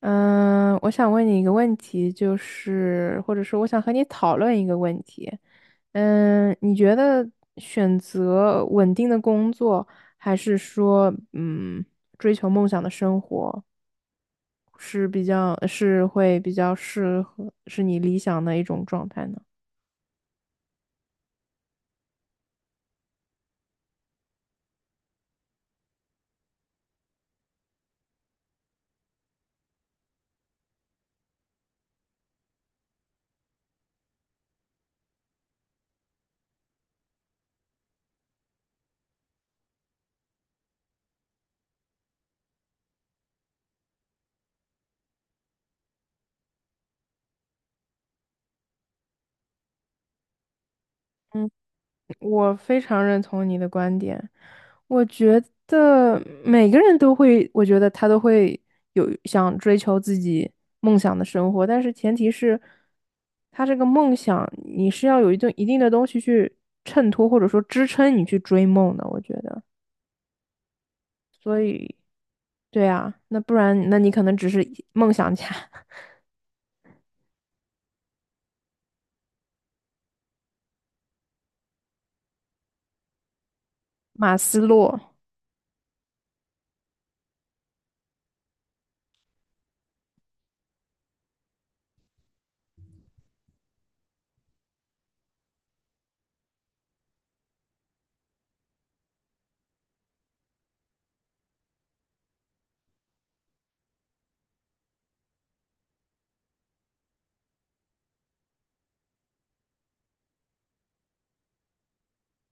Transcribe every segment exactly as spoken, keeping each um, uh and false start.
嗯，我想问你一个问题，就是或者说我想和你讨论一个问题。嗯，你觉得选择稳定的工作，还是说嗯追求梦想的生活，是比较是会比较适合是你理想的一种状态呢？我非常认同你的观点，我觉得每个人都会，我觉得他都会有想追求自己梦想的生活，但是前提是，他这个梦想你是要有一定一定的东西去衬托或者说支撑你去追梦的，我觉得。对啊，那不然那你可能只是梦想家，马斯洛。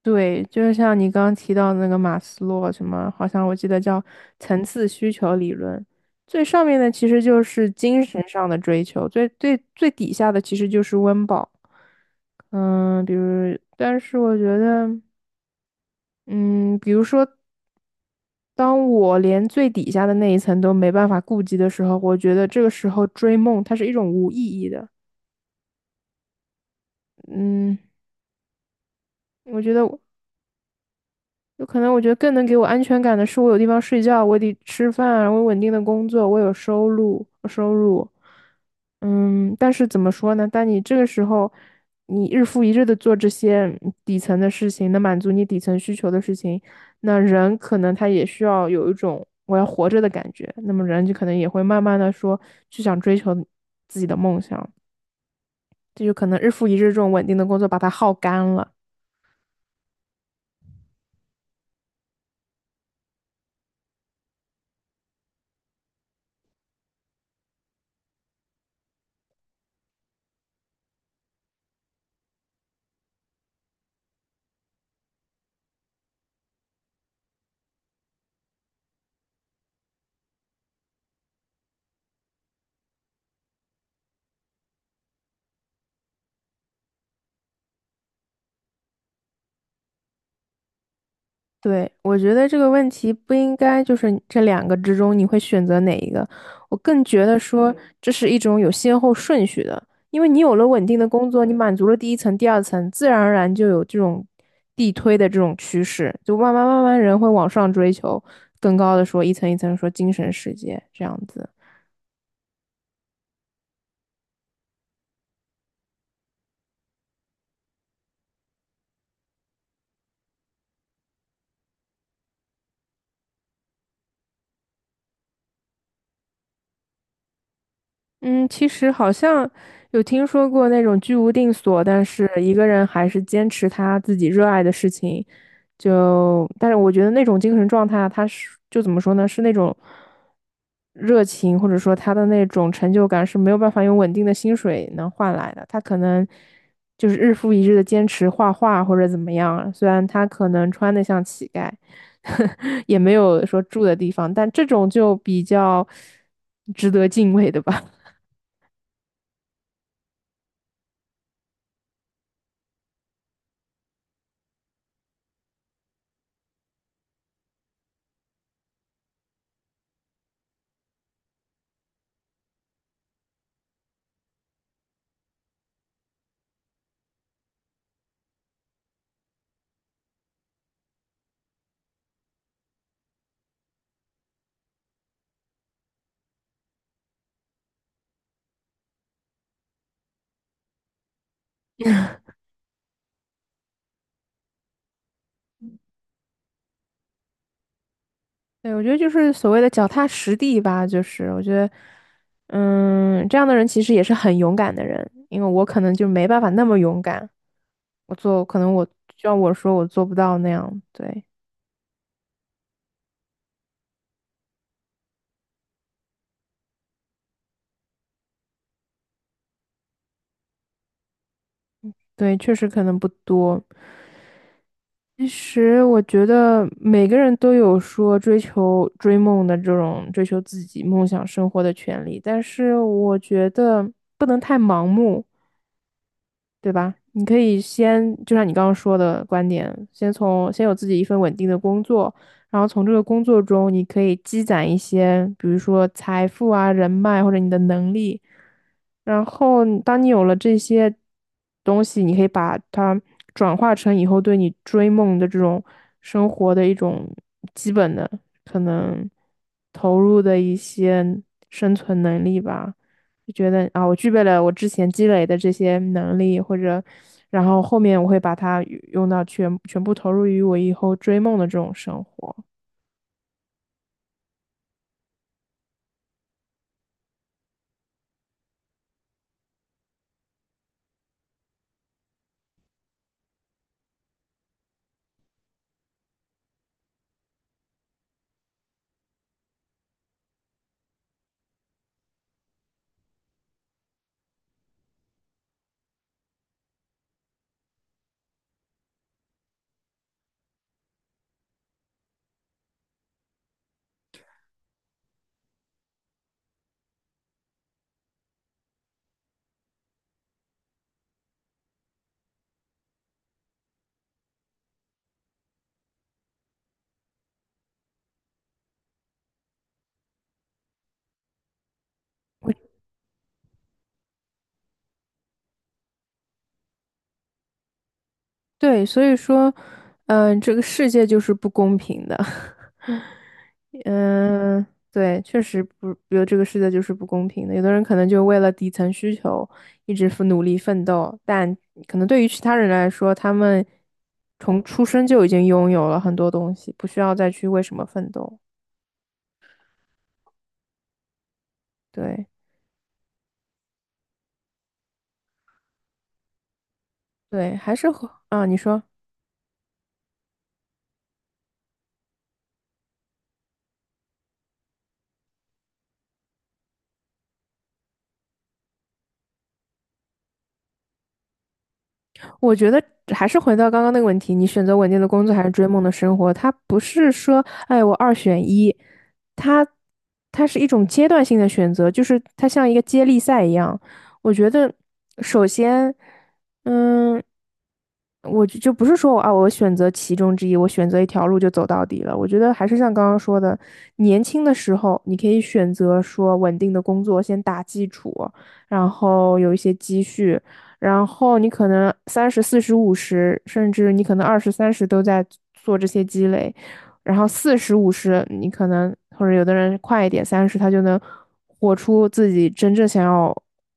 对，就是像你刚刚提到那个马斯洛什么，好像我记得叫层次需求理论，最上面的其实就是精神上的追求，最最最底下的其实就是温饱。嗯，比如，但是我觉得，嗯，比如说，当我连最底下的那一层都没办法顾及的时候，我觉得这个时候追梦它是一种无意义的。嗯，我觉得。有可能我觉得更能给我安全感的是，我有地方睡觉，我得吃饭，我有稳定的工作，我有收入，收入。嗯，但是怎么说呢？当你这个时候，你日复一日的做这些底层的事情，能满足你底层需求的事情，那人可能他也需要有一种我要活着的感觉，那么人就可能也会慢慢的说去想追求自己的梦想，这就可能日复一日这种稳定的工作把它耗干了。对，我觉得这个问题不应该就是这两个之中你会选择哪一个。我更觉得说这是一种有先后顺序的，因为你有了稳定的工作，你满足了第一层、第二层，自然而然就有这种递推的这种趋势，就慢慢慢慢人会往上追求更高的说一层一层说精神世界这样子。嗯，其实好像有听说过那种居无定所，但是一个人还是坚持他自己热爱的事情，就，但是我觉得那种精神状态，他是就怎么说呢，是那种热情，或者说他的那种成就感是没有办法用稳定的薪水能换来的。他可能就是日复一日的坚持画画或者怎么样啊，虽然他可能穿得像乞丐，也没有说住的地方，但这种就比较值得敬畏的吧。对，我觉得就是所谓的脚踏实地吧，就是我觉得，嗯，这样的人其实也是很勇敢的人，因为我可能就没办法那么勇敢，我做，可能我就像我说我做不到那样，对对，确实可能不多。其实我觉得每个人都有说追求追梦的这种追求自己梦想生活的权利，但是我觉得不能太盲目。对吧？你可以先，就像你刚刚说的观点，先从先有自己一份稳定的工作，然后从这个工作中，你可以积攒一些，比如说财富啊、人脉或者你的能力。然后你当你有了这些东西，你可以把它转化成以后对你追梦的这种生活的一种基本的可能投入的一些生存能力吧。就觉得啊，我具备了我之前积累的这些能力，或者，然后后面我会把它与用到全全部投入于我以后追梦的这种生活。对，所以说，嗯、这个世界就是不公平的。嗯，对，确实不，比如这个世界就是不公平的。有的人可能就为了底层需求一直奋努力奋斗，但可能对于其他人来说，他们从出生就已经拥有了很多东西，不需要再去为什么奋斗。对。对，还是回啊，你说，我觉得还是回到刚刚那个问题，你选择稳定的工作还是追梦的生活？它不是说，哎，我二选一，它它是一种阶段性的选择，就是它像一个接力赛一样。我觉得，首先，嗯，我就就不是说我啊，我选择其中之一，我选择一条路就走到底了。我觉得还是像刚刚说的，年轻的时候你可以选择说稳定的工作先打基础，然后有一些积蓄。然后你可能三十、四十、五十，甚至你可能二十、三十都在做这些积累，然后四十、五十，你可能或者有的人快一点，三十他就能活出自己真正想要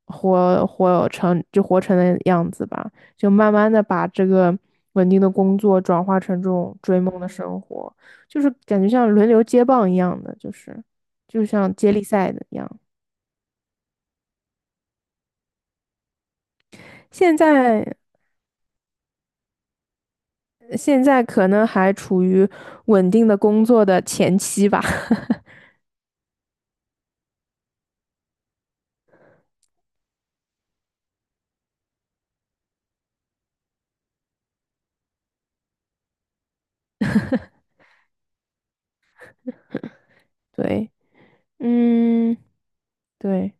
活活成就活成的样子吧，就慢慢的把这个稳定的工作转化成这种追梦的生活，就是感觉像轮流接棒一样的，就是就像接力赛的一样。现在现在可能还处于稳定的工作的前期吧。对，嗯，对，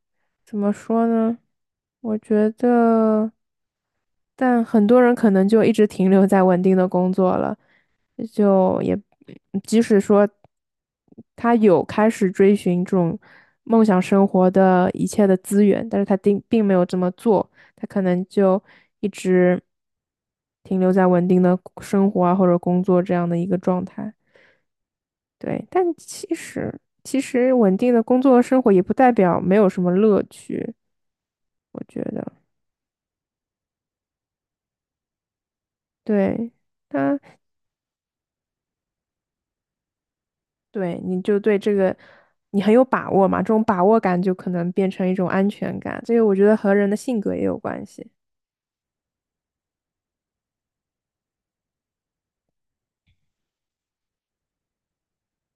怎么说呢？我觉得，但很多人可能就一直停留在稳定的工作了，就也即使说他有开始追寻这种梦想生活的一切的资源，但是他并并没有这么做，他可能就一直停留在稳定的生活啊或者工作这样的一个状态。对，但其实其实稳定的工作生活也不代表没有什么乐趣，我觉得，对，他对你就对这个你很有把握嘛，这种把握感就可能变成一种安全感，这个我觉得和人的性格也有关系。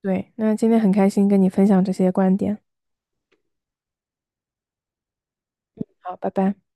对，那今天很开心跟你分享这些观点，好，拜拜。